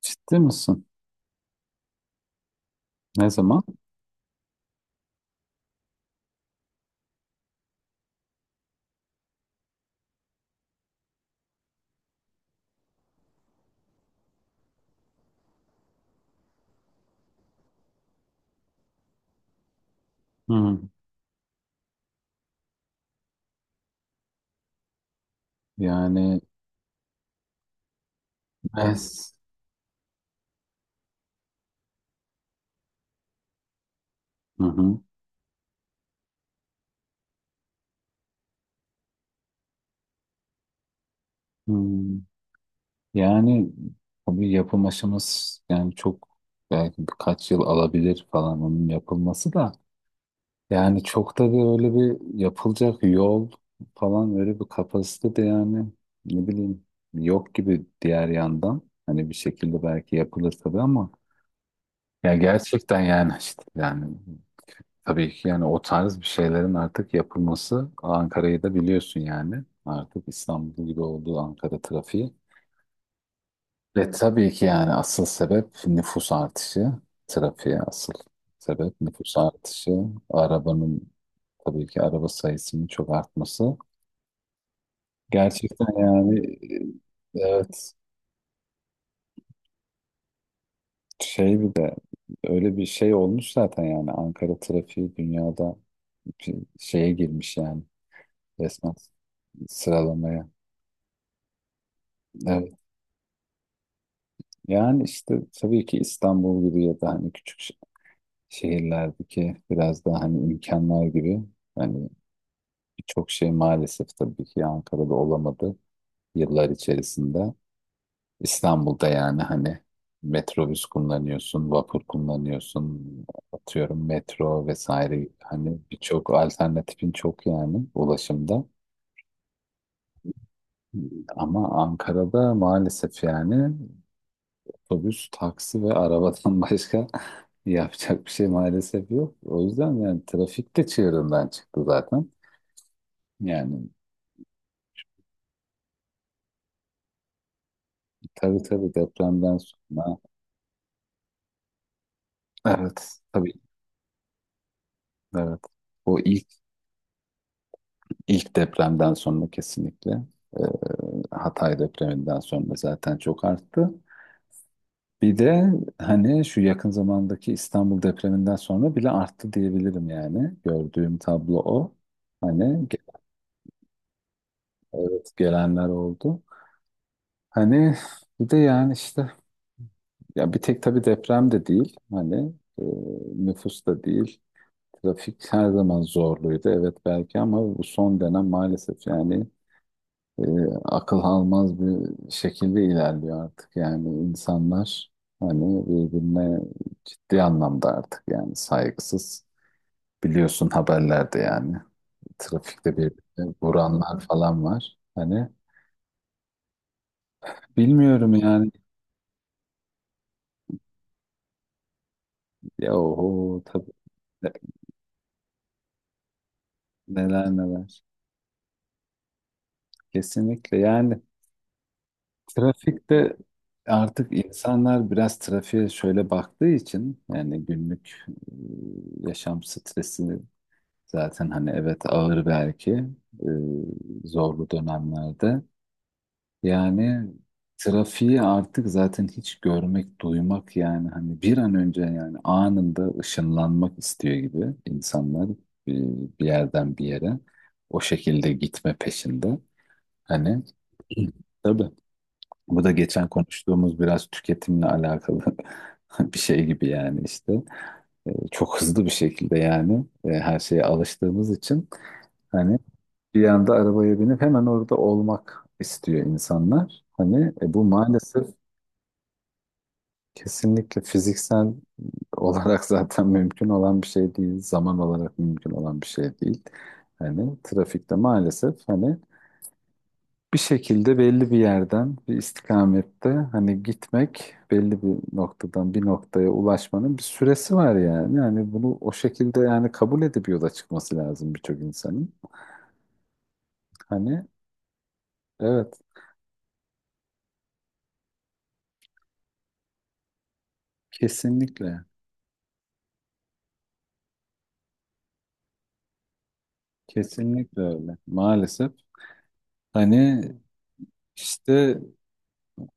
Ciddi misin? Ne zaman? Hı. Yani evet. Hı hı. Hı. Yani tabii yapım aşaması yani çok belki birkaç yıl alabilir falan onun yapılması da yani çok da bir öyle bir yapılacak yol falan öyle bir kapasite de yani ne bileyim yok gibi diğer yandan hani bir şekilde belki yapılır tabii ama ya gerçekten yani işte yani tabii ki yani o tarz bir şeylerin artık yapılması Ankara'yı da biliyorsun yani. Artık İstanbul gibi olduğu Ankara trafiği. Ve tabii ki yani asıl sebep nüfus artışı. Trafiğe asıl sebep nüfus artışı. Arabanın tabii ki araba sayısının çok artması. Gerçekten yani evet şey bir de öyle bir şey olmuş zaten yani Ankara trafiği dünyada bir şeye girmiş yani resmen sıralamaya. Evet. Yani işte tabii ki İstanbul gibi ya da hani küçük şehirlerdeki biraz daha hani imkanlar gibi hani birçok şey maalesef tabii ki Ankara'da olamadı yıllar içerisinde. İstanbul'da yani hani metrobüs kullanıyorsun, vapur kullanıyorsun, atıyorum metro vesaire hani birçok alternatifin çok yani ulaşımda. Ama Ankara'da maalesef yani otobüs, taksi ve arabadan başka yapacak bir şey maalesef yok. O yüzden yani trafik de çığırından çıktı zaten. Yani tabii tabii depremden sonra evet tabii evet. O ilk ilk depremden sonra kesinlikle e, Hatay depreminden sonra zaten çok arttı. Bir de hani şu yakın zamandaki İstanbul depreminden sonra bile arttı diyebilirim yani. Gördüğüm tablo o. Hani evet gelenler oldu. Hani bir de yani işte ya bir tek tabii deprem de değil hani e, nüfus da değil trafik her zaman zorluydu evet belki ama bu son dönem maalesef yani e, akıl almaz bir şekilde ilerliyor artık yani insanlar hani birbirine ciddi anlamda artık yani saygısız biliyorsun haberlerde yani trafikte birbirine vuranlar falan var hani bilmiyorum yani ya oho tabii ne- neler neler kesinlikle yani. Trafikte artık insanlar biraz trafiğe şöyle baktığı için yani günlük yaşam stresi zaten hani evet ağır belki zorlu dönemlerde. Yani trafiği artık zaten hiç görmek, duymak yani hani bir an önce yani anında ışınlanmak istiyor gibi insanlar bir yerden bir yere o şekilde gitme peşinde. Hani tabii. Bu da geçen konuştuğumuz biraz tüketimle alakalı bir şey gibi yani işte. Çok hızlı bir şekilde yani her şeye alıştığımız için hani bir anda arabaya binip hemen orada olmak istiyor insanlar. Hani bu maalesef kesinlikle fiziksel olarak zaten mümkün olan bir şey değil. Zaman olarak mümkün olan bir şey değil. Hani trafikte maalesef hani bir şekilde belli bir yerden, bir istikamette hani gitmek, belli bir noktadan bir noktaya ulaşmanın bir süresi var yani. Yani bunu o şekilde yani kabul edip yola çıkması lazım birçok insanın. Hani evet, kesinlikle, kesinlikle öyle. Maalesef hani işte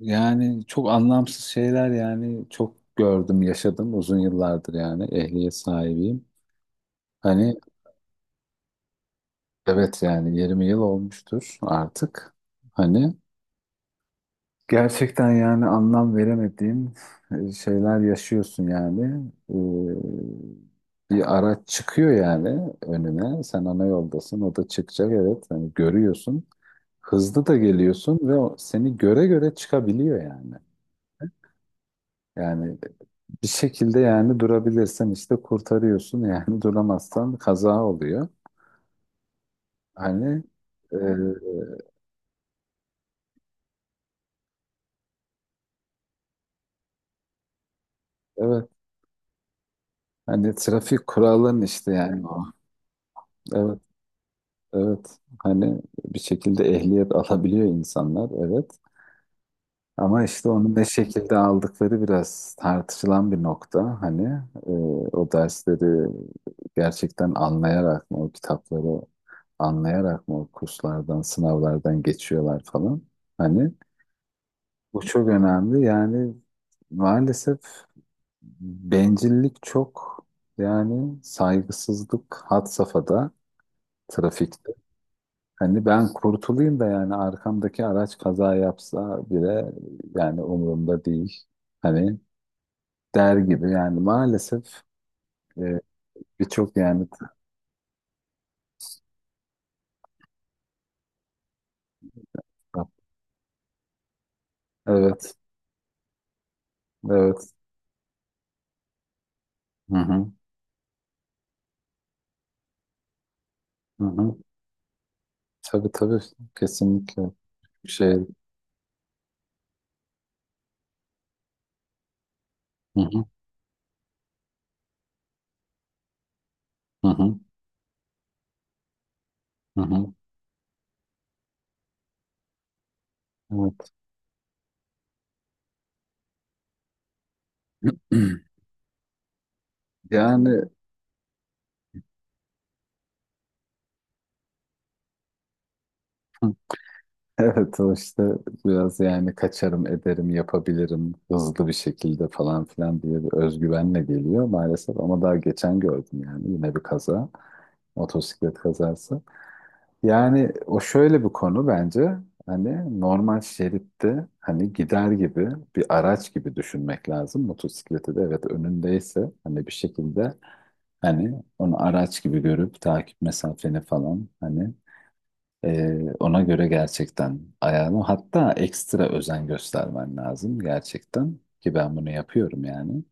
yani çok anlamsız şeyler yani çok gördüm, yaşadım uzun yıllardır yani ehliyet sahibiyim. Hani evet yani 20 yıl olmuştur artık. Hani gerçekten yani anlam veremediğim şeyler yaşıyorsun yani. Bir araç çıkıyor yani önüne. Sen ana yoldasın, o da çıkacak evet. Hani görüyorsun. Hızlı da geliyorsun ve o seni göre göre çıkabiliyor yani. Yani bir şekilde yani durabilirsen işte kurtarıyorsun yani duramazsan kaza oluyor. Hani e, evet hani trafik kuralın işte yani o. Evet. Evet, hani bir şekilde ehliyet alabiliyor insanlar, evet. Ama işte onu ne şekilde aldıkları biraz tartışılan bir nokta. Hani e, o dersleri gerçekten anlayarak mı, o kitapları anlayarak mı, o kurslardan, sınavlardan geçiyorlar falan. Hani bu çok önemli. Yani maalesef bencillik çok, yani saygısızlık had safhada, trafikte. Hani ben kurtulayım da yani arkamdaki araç kaza yapsa bile yani umurumda değil. Hani der gibi yani maalesef e, birçok yani evet evet, hı hı, hı hı, tabii tabii, kesinlikle, şey, hı hı, hı hı, hı hı. Evet yani evet o işte biraz yani kaçarım ederim yapabilirim hızlı bir şekilde falan filan diye bir özgüvenle geliyor maalesef ama daha geçen gördüm yani yine bir kaza, motosiklet kazası. Yani o şöyle bir konu bence hani normal şeritte hani gider gibi bir araç gibi düşünmek lazım motosikleti de evet önündeyse hani bir şekilde hani onu araç gibi görüp takip mesafeni falan hani ona göre gerçekten ayağını hatta ekstra özen göstermen lazım gerçekten ki ben bunu yapıyorum yani.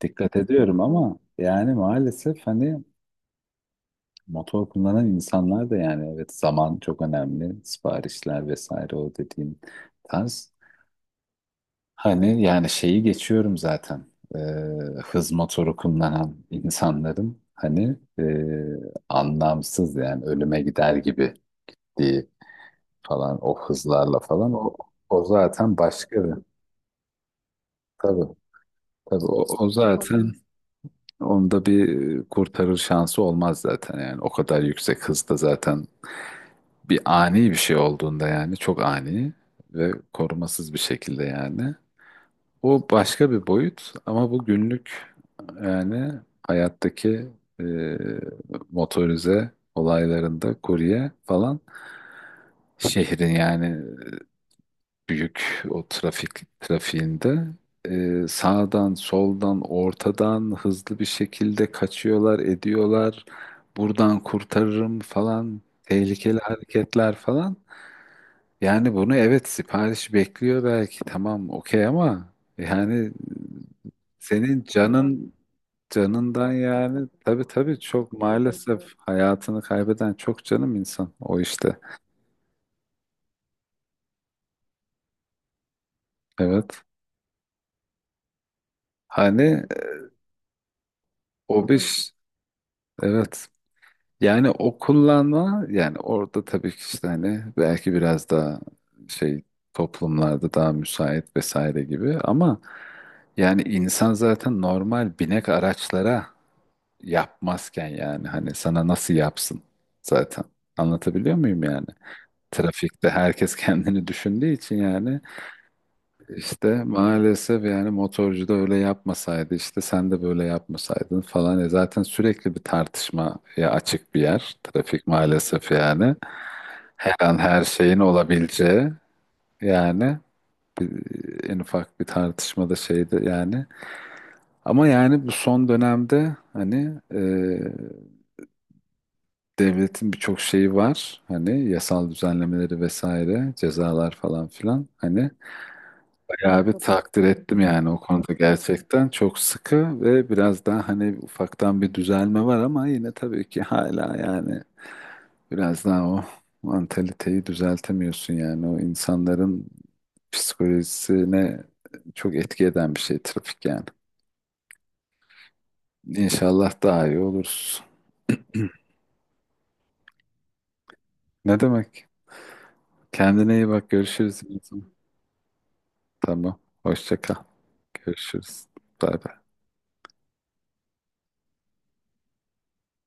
Dikkat ediyorum ama yani maalesef hani motor kullanan insanlar da yani evet zaman çok önemli siparişler vesaire o dediğim tarz. Hani yani şeyi geçiyorum zaten. Ee, Hız motoru kullanan insanların hani anlamsız yani ölüme gider gibi diye falan o hızlarla falan o, o zaten başka bir tabii tabii o, o zaten onda bir kurtarır şansı olmaz zaten yani o kadar yüksek hızda zaten bir ani bir şey olduğunda yani çok ani ve korumasız bir şekilde yani o başka bir boyut ama bu günlük yani hayattaki e, motorize olaylarında kurye falan şehrin yani büyük o trafik trafiğinde sağdan soldan ortadan hızlı bir şekilde kaçıyorlar ediyorlar buradan kurtarırım falan tehlikeli hareketler falan yani bunu evet sipariş bekliyor belki tamam okey ama yani senin canın canından yani tabii tabii çok maalesef hayatını kaybeden çok canım insan o işte evet hani o bir evet. Yani o kullanma yani orada tabii ki işte hani belki biraz daha şey toplumlarda daha müsait vesaire gibi ama yani insan zaten normal binek araçlara yapmazken yani hani sana nasıl yapsın zaten anlatabiliyor muyum yani? Trafikte herkes kendini düşündüğü için yani işte maalesef yani motorcu da öyle yapmasaydı işte sen de böyle yapmasaydın falan. E zaten sürekli bir tartışmaya açık bir yer. Trafik maalesef yani. Her an her şeyin olabileceği yani en ufak bir tartışmada şeydi yani. Ama yani bu son dönemde hani devletin birçok şeyi var. Hani yasal düzenlemeleri vesaire cezalar falan filan. Hani ya bir takdir ettim yani o konuda gerçekten çok sıkı ve biraz daha hani ufaktan bir düzelme var ama yine tabii ki hala yani biraz daha o mantaliteyi düzeltemiyorsun yani o insanların psikolojisine çok etki eden bir şey trafik yani. İnşallah daha iyi oluruz. Ne demek? Kendine iyi bak, görüşürüz. Tamam. Hoşça kal. Görüşürüz. Bay bay.